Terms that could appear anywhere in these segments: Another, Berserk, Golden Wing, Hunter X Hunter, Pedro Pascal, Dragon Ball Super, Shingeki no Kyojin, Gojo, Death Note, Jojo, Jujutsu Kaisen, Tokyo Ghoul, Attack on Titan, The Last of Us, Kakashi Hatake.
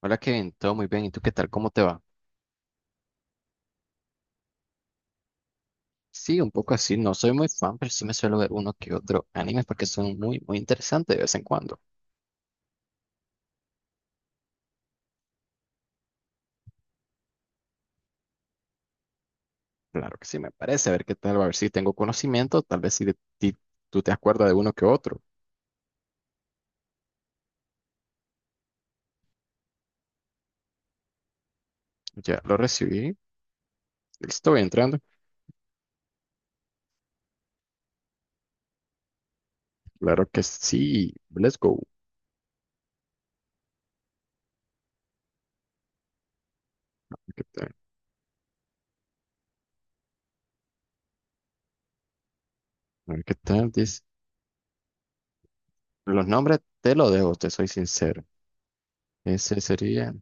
Hola Kevin, todo muy bien. ¿Y tú qué tal? ¿Cómo te va? Sí, un poco así. No soy muy fan, pero sí me suelo ver uno que otro animes porque son muy, muy interesantes de vez en cuando. Claro que sí, me parece. A ver qué tal, a ver si tengo conocimiento. Tal vez si de ti- tú te acuerdas de uno que otro. Ya lo recibí. Estoy entrando. Claro que sí. Let's go. ¿Qué tal? A ver qué tal. Dice... Los nombres te los dejo, te soy sincero. Ese sería,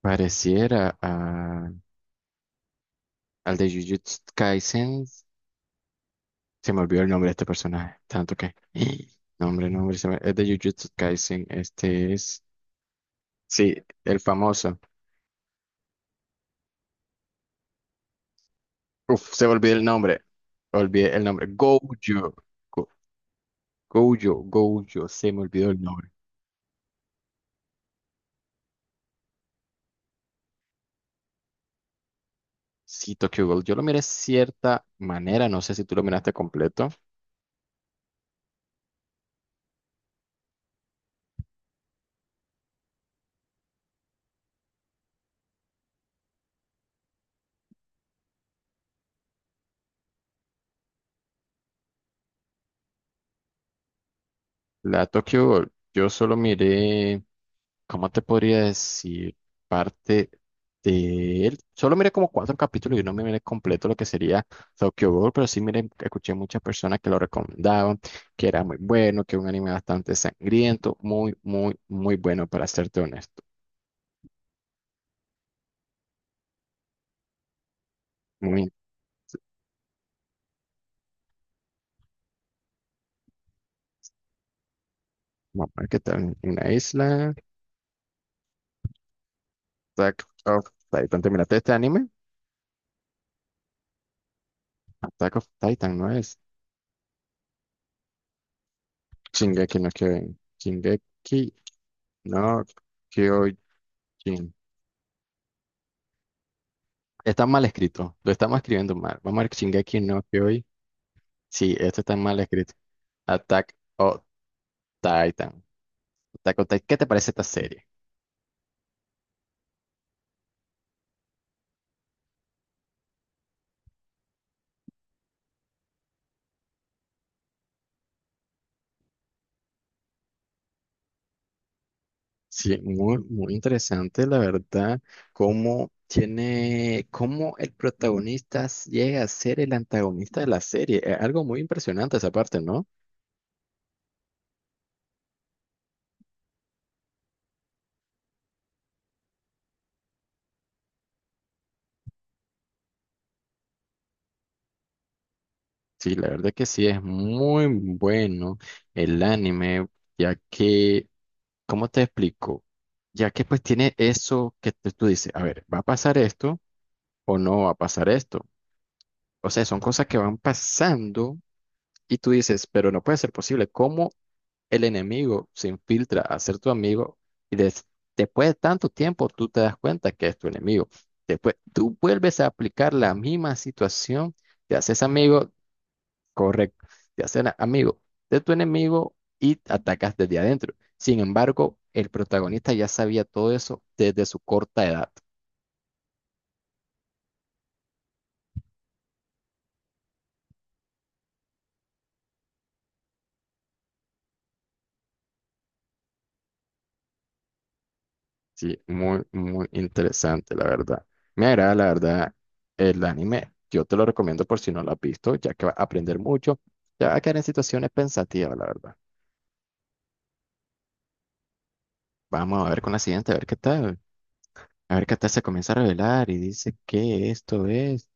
pareciera al de Jujutsu Kaisen. Se me olvidó el nombre de este personaje, tanto que... Nombre, nombre, es de Jujutsu Kaisen, este es... Sí, el famoso. Uf, se me olvidó el nombre, olvidé el nombre. Gojo, Go- Gojo, Gojo, se me olvidó el nombre. Sí, Tokyo Ghoul, yo lo miré cierta manera, no sé si tú lo miraste completo. La Tokyo Ghoul, yo solo miré, ¿cómo te podría decir? Parte de él. Solo miré como cuatro capítulos y no me miré completo lo que sería Tokyo Ghoul, pero sí miré, escuché muchas personas que lo recomendaban, que era muy bueno, que era un anime bastante sangriento, muy, muy, muy bueno, para serte honesto. Muy, vamos a ver qué tal. Una isla, Attack of Titan. ¿Te miraste este anime? Attack of Titan, ¿no es? Shingeki no Kyojin. Shingeki no Kyojin. Está mal escrito, lo estamos escribiendo mal. Vamos a ver Shingeki no hoy. Sí, esto está mal escrito. Attack on Titan. Attack on Titan. ¿Qué te parece esta serie? Sí, muy, muy interesante, la verdad, cómo tiene, cómo el protagonista llega a ser el antagonista de la serie. Es algo muy impresionante esa parte, ¿no? Sí, la verdad que sí, es muy bueno el anime, ya que, ¿cómo te explico? Ya que pues tiene eso que tú dices, a ver, va a pasar esto, o no va a pasar esto. O sea, son cosas que van pasando y tú dices, pero no puede ser posible. ¿Cómo el enemigo se infiltra a ser tu amigo y después de tanto tiempo tú te das cuenta que es tu enemigo? Después tú vuelves a aplicar la misma situación, te haces amigo, correcto, te haces amigo de tu enemigo y te atacas desde adentro. Sin embargo, el protagonista ya sabía todo eso desde su corta edad. Sí, muy, muy interesante, la verdad. Me agrada, la verdad, el anime. Yo te lo recomiendo por si no lo has visto, ya que vas a aprender mucho. Ya va a quedar en situaciones pensativas, la verdad. Vamos a ver con la siguiente, a ver qué tal. A ver qué tal se comienza a revelar y dice que esto es.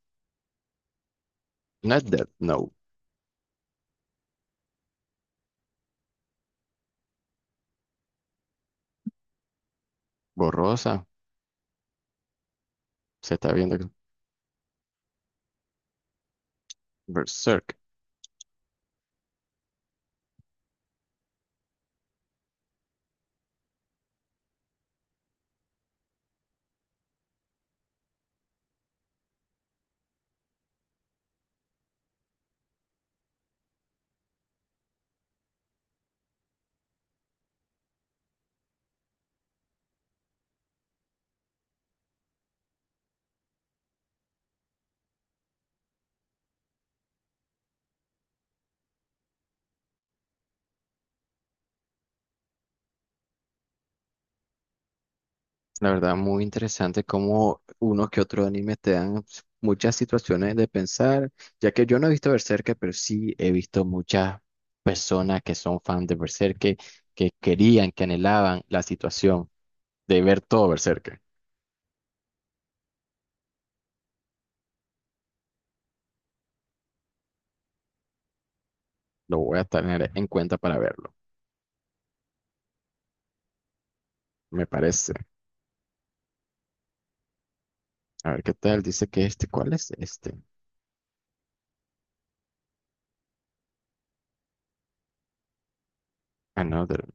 No es Death Note, borrosa. Se está viendo Berserk. La verdad, muy interesante cómo unos que otros animes te dan muchas situaciones de pensar, ya que yo no he visto Berserk, pero sí he visto muchas personas que son fans de Berserk, que querían, que anhelaban la situación de ver todo Berserk. Lo voy a tener en cuenta para verlo, me parece. A ver qué tal, dice que este, ¿cuál es este? Another.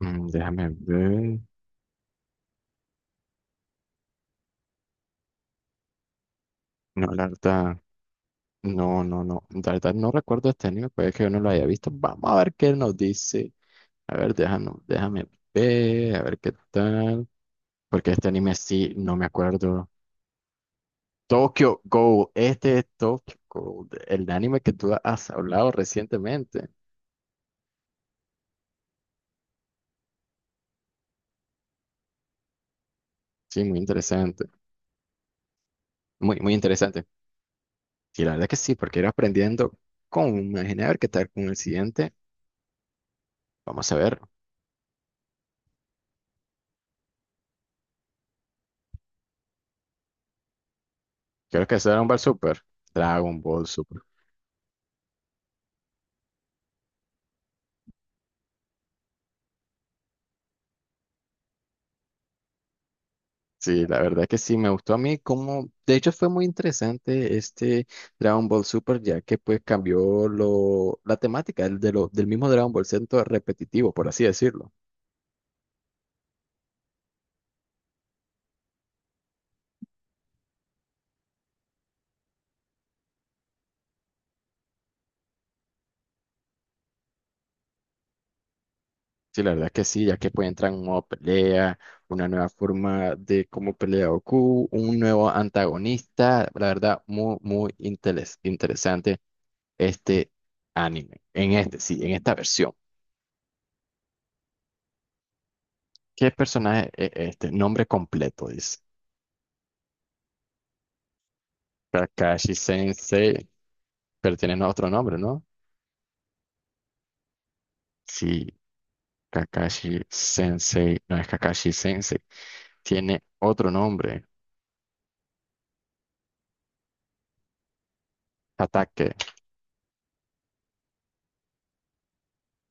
Mm, déjame ver. No, la verdad, no, no, no. La verdad no recuerdo este anime, puede que yo no lo haya visto. Vamos a ver qué nos dice. A ver, déjame, déjame ver, a ver qué tal. Porque este anime sí, no me acuerdo. Tokyo Ghoul, este es Tokyo Ghoul, el anime que tú has hablado recientemente. Sí, muy interesante. Muy, muy interesante. Sí, la verdad que sí, porque ir aprendiendo con, imaginé a ver qué tal con el siguiente. Vamos a ver. Creo que es Dragon Ball Super. Dragon Ball Super. Sí, la verdad que sí, me gustó a mí como, de hecho fue muy interesante este Dragon Ball Super, ya que pues cambió lo, la temática el de del mismo Dragon Ball Centro repetitivo, por así decirlo. Sí, la verdad que sí, ya que pues entran nueva pelea, una nueva forma de cómo pelea Goku, un nuevo antagonista, la verdad muy, muy interesante este anime, en este, sí, en esta versión. ¿Qué personaje es este? Nombre completo, dice. Kakashi Sensei. Pero tienen otro nombre, ¿no? Sí, Kakashi Sensei, no es Kakashi Sensei, tiene otro nombre, Hatake,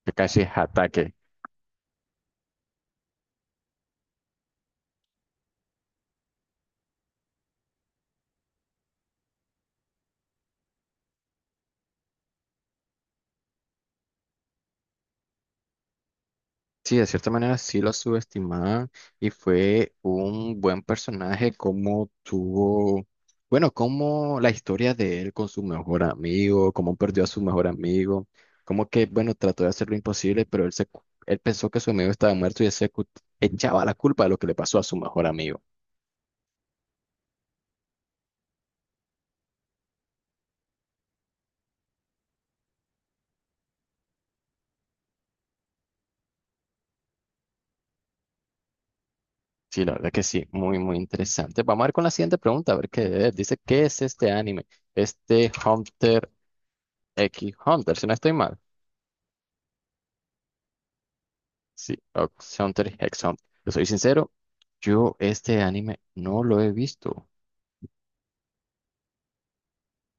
Kakashi Hatake. Sí, de cierta manera sí lo subestimaban y fue un buen personaje como tuvo, bueno, como la historia de él con su mejor amigo, cómo perdió a su mejor amigo, como que, bueno, trató de hacer lo imposible, pero él, él pensó que su amigo estaba muerto y él se echaba la culpa de lo que le pasó a su mejor amigo. Sí, la verdad que sí, muy, muy interesante. Vamos a ver con la siguiente pregunta, a ver qué es. Dice, ¿qué es este anime? Este Hunter X Hunter, si no estoy mal. Sí, Ox Hunter X Hunter. Yo soy sincero, yo este anime no lo he visto.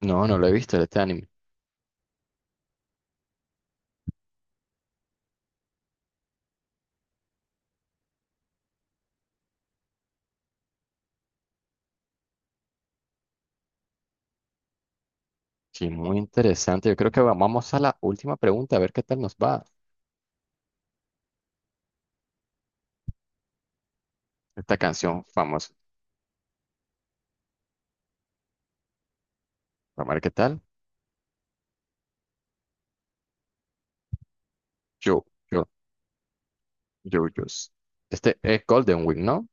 No, no lo he visto este anime. Sí, muy interesante. Yo creo que vamos a la última pregunta, a ver qué tal nos va esta canción famosa. Vamos a ver qué tal. Yo, yo, yo, yo. Este es Golden Wing, ¿no?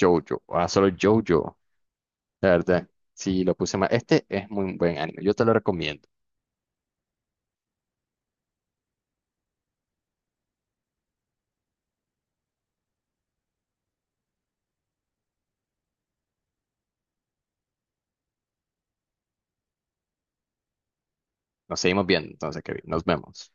Jojo. Ah, solo Jojo. La verdad, sí, lo puse mal. Este es muy buen anime. Yo te lo recomiendo. Nos seguimos viendo, entonces, Kevin. Nos vemos.